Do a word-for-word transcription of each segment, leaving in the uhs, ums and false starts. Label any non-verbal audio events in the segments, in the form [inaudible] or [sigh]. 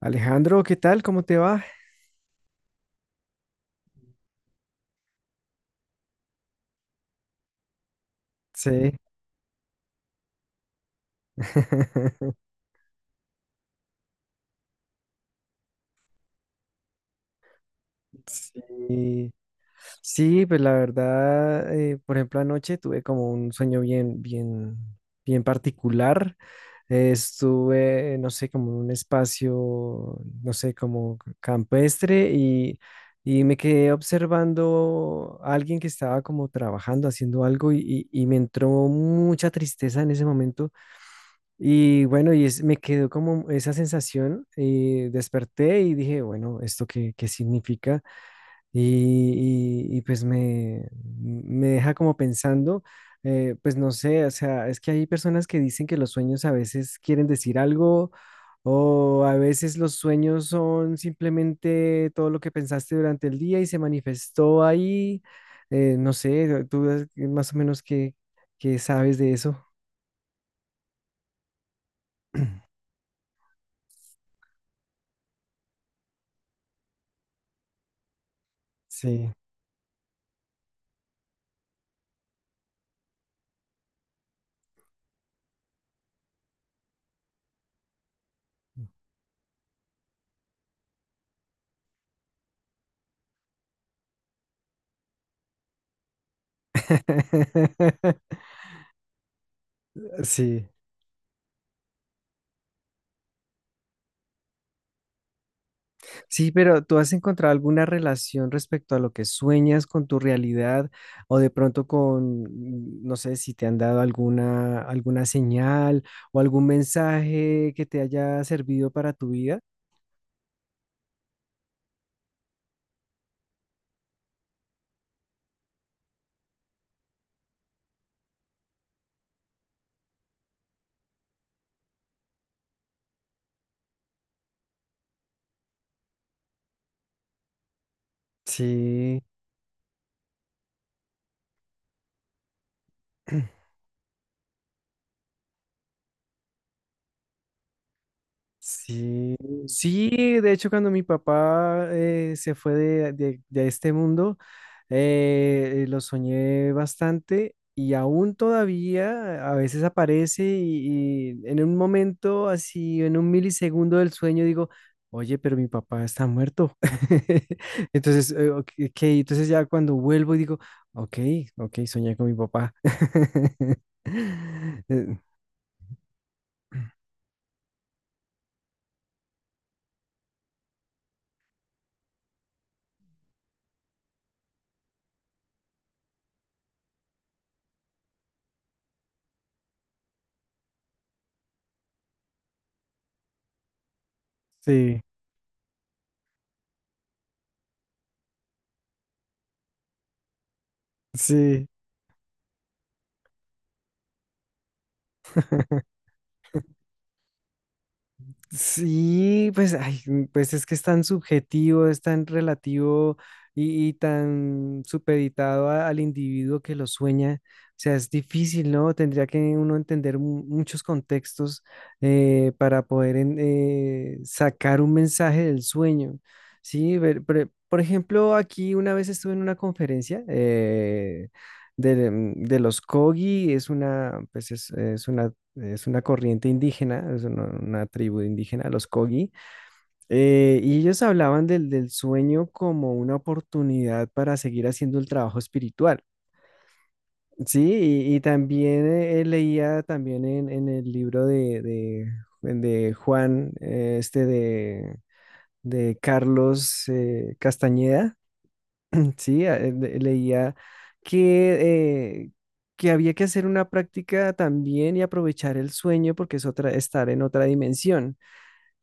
Alejandro, ¿qué tal? ¿Cómo te va? Sí. [laughs] Sí, sí, pues la verdad, eh, por ejemplo, anoche tuve como un sueño bien, bien, bien particular. Eh, estuve, no sé, como en un espacio, no sé, como campestre y, y me quedé observando a alguien que estaba como trabajando, haciendo algo y, y y me entró mucha tristeza en ese momento. Y bueno, y es- me quedó como esa sensación, y desperté y dije, bueno, ¿esto qué, qué significa? Y, y- y, pues me, me deja como pensando, eh, pues no sé, o sea, es que hay personas que dicen que los sueños a veces quieren decir algo o a veces los sueños son simplemente todo lo que pensaste durante el día y se manifestó ahí, eh, no sé, tú eh, más o menos qué, qué sabes de eso. Sí. [laughs] Sí, sí, pero ¿tú has encontrado alguna relación respecto a lo que sueñas con tu realidad o de pronto con, mm, no sé, si te han dado alguna, alguna señal o algún mensaje que te haya servido para tu vida? Sí. [clears throat] Sí, sí, de hecho cuando mi papá eh, se fue de, de- de este mundo, eh, eh, lo soñé bastante y aún todavía a veces aparece y, y en un momento así, en un milisegundo del sueño digo, oye, pero mi papá está muerto. [laughs] Entonces, eh, ok, ok, entonces ya cuando vuelvo y digo, ok, ok, soñé con mi papá. [laughs] Eh, Sí, sí. [laughs] Sí, pues, ay, mm, pues es que es tan subjetivo, es tan relativo y, y tan supeditado a- al individuo que lo sueña. O sea, es difícil, ¿no? Tendría que uno entender mu- muchos contextos eh, para poder en- eh, sacar un mensaje del sueño. Sí, Ver- pre- por ejemplo, aquí una vez estuve en una conferencia eh, de, de los Kogi, es una, pues es, es una es una corriente indígena, es una, una tribu indígena, los Kogi, eh, y ellos hablaban del, del sueño como una oportunidad para seguir haciendo el trabajo espiritual. Sí, y, y también eh, leía también en, en el libro de, de- de Juan, eh, este de, de Carlos eh, Castañeda, sí, ah, eh, de- leía que, eh, que había que hacer una práctica también y aprovechar el sueño porque es otra, estar en otra dimensión.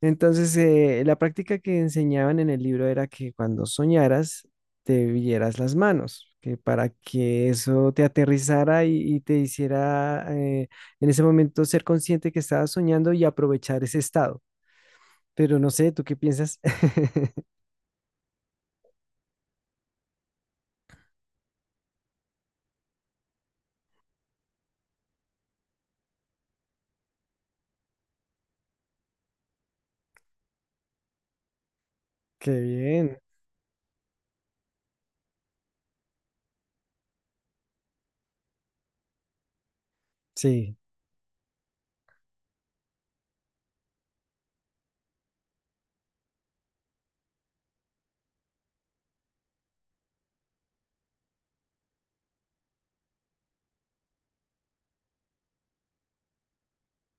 Entonces, eh, la práctica que enseñaban en el libro era que cuando soñaras, te vieras las manos, que para que eso te aterrizara y, y te hiciera eh, en ese momento ser consciente que estabas soñando y aprovechar ese estado. Pero no sé, ¿tú qué piensas? [laughs] Qué bien. Sí,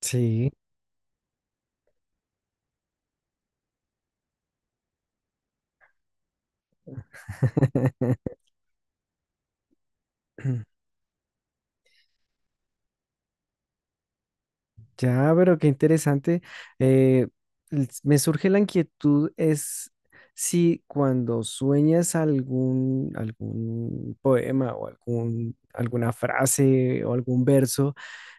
sí. [laughs] [clears throat] Ya, pero qué interesante. Eh, el- Me surge la inquietud es si cuando sueñas algún, algún poema o algún, alguna frase o algún verso,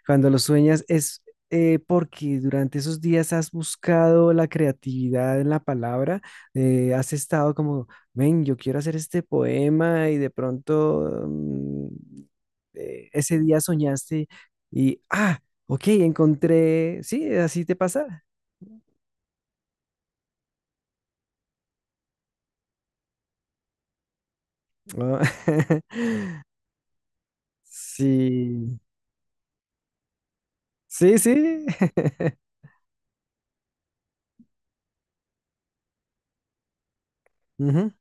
cuando lo sueñas es eh, porque durante esos días has buscado la creatividad en la palabra, eh, has estado como, ven, yo quiero hacer este poema y de pronto mm, eh, ese día soñaste y, ah, ok, encontré. Sí, así te pasa. Ah, [laughs] Sí, sí, sí. [laughs] Ujú.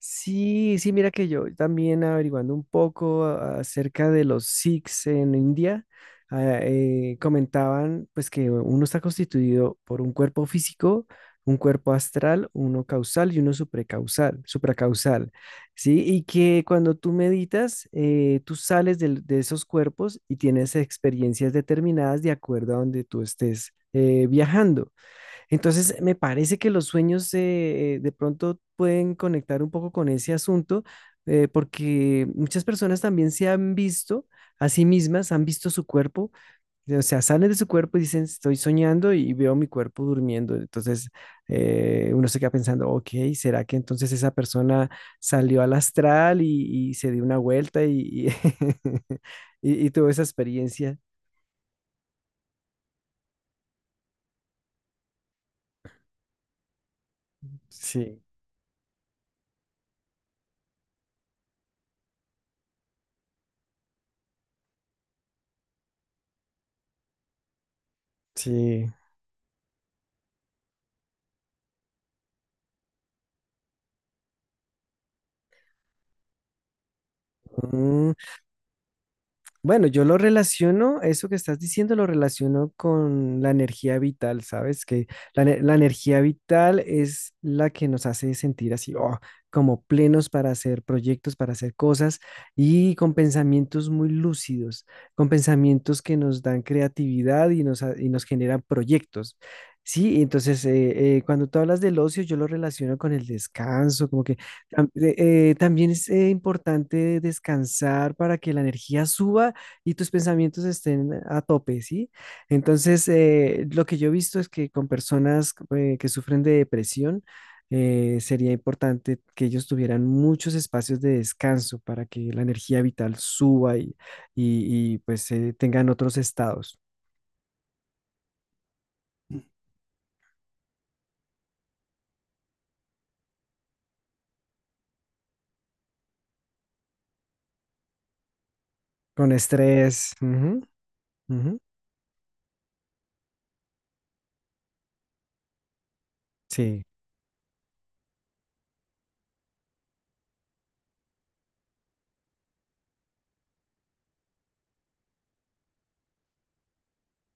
Sí, sí, mira que yo también averiguando un poco a- acerca de los Sikhs en India, ah, eh, comentaban pues que uno está constituido por un cuerpo físico, un cuerpo astral, uno causal y uno supracausal, supracausal, ¿sí? Y que cuando tú meditas, eh, tú sales del- de, esos cuerpos y tienes experiencias determinadas de acuerdo a donde tú estés eh, viajando. Entonces, me parece que los sueños eh, de pronto pueden conectar un poco con ese asunto, eh, porque muchas personas también se han visto a sí mismas, han visto su cuerpo, o sea, salen de su cuerpo y dicen, estoy soñando y veo mi cuerpo durmiendo. Entonces, eh, uno se queda pensando, ok, ¿será que entonces esa persona salió al astral y, y se dio una vuelta y, y, [laughs] y- y tuvo esa experiencia? Sí, sí. Mm. Bueno, yo lo relaciono, eso que estás diciendo lo relaciono con la energía vital, ¿sabes? Que la, ne- la energía vital es la que nos hace sentir así, oh, como plenos para hacer proyectos, para hacer cosas y con pensamientos muy lúcidos, con pensamientos que nos dan creatividad y nos, ha- y nos generan proyectos. Sí, entonces eh, eh, cuando tú hablas del ocio, yo lo relaciono con el descanso, como que tam- eh, eh, también es eh, importante descansar para que la energía suba y tus pensamientos estén a tope, ¿sí? Entonces, eh, lo que yo he visto es que con personas eh, que sufren de depresión, eh, sería importante que ellos tuvieran muchos espacios de descanso para que la energía vital suba y, y- y, pues eh, tengan otros estados con estrés. Ujú, ujú, sí,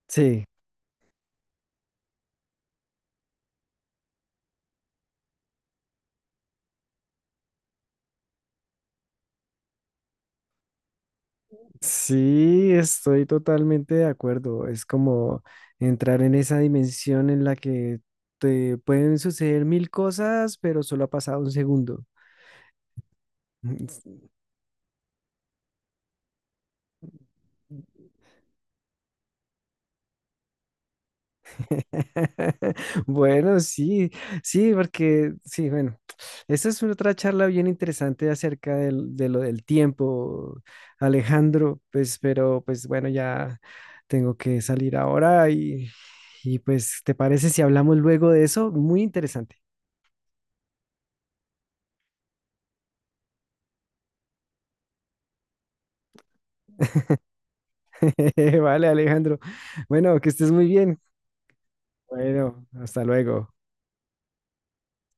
sí. Sí, estoy totalmente de acuerdo. Es como entrar en esa dimensión en la que te pueden suceder mil cosas, pero solo ha pasado un segundo. [laughs] Bueno, sí, sí, porque sí, bueno, esa es otra charla bien interesante acerca del- de lo del tiempo, Alejandro, pues, pero pues bueno, ya tengo que salir ahora y, y pues, ¿te parece si hablamos luego de eso? Muy interesante. [laughs] Vale, Alejandro. Bueno, que estés muy bien. Bueno, hasta luego.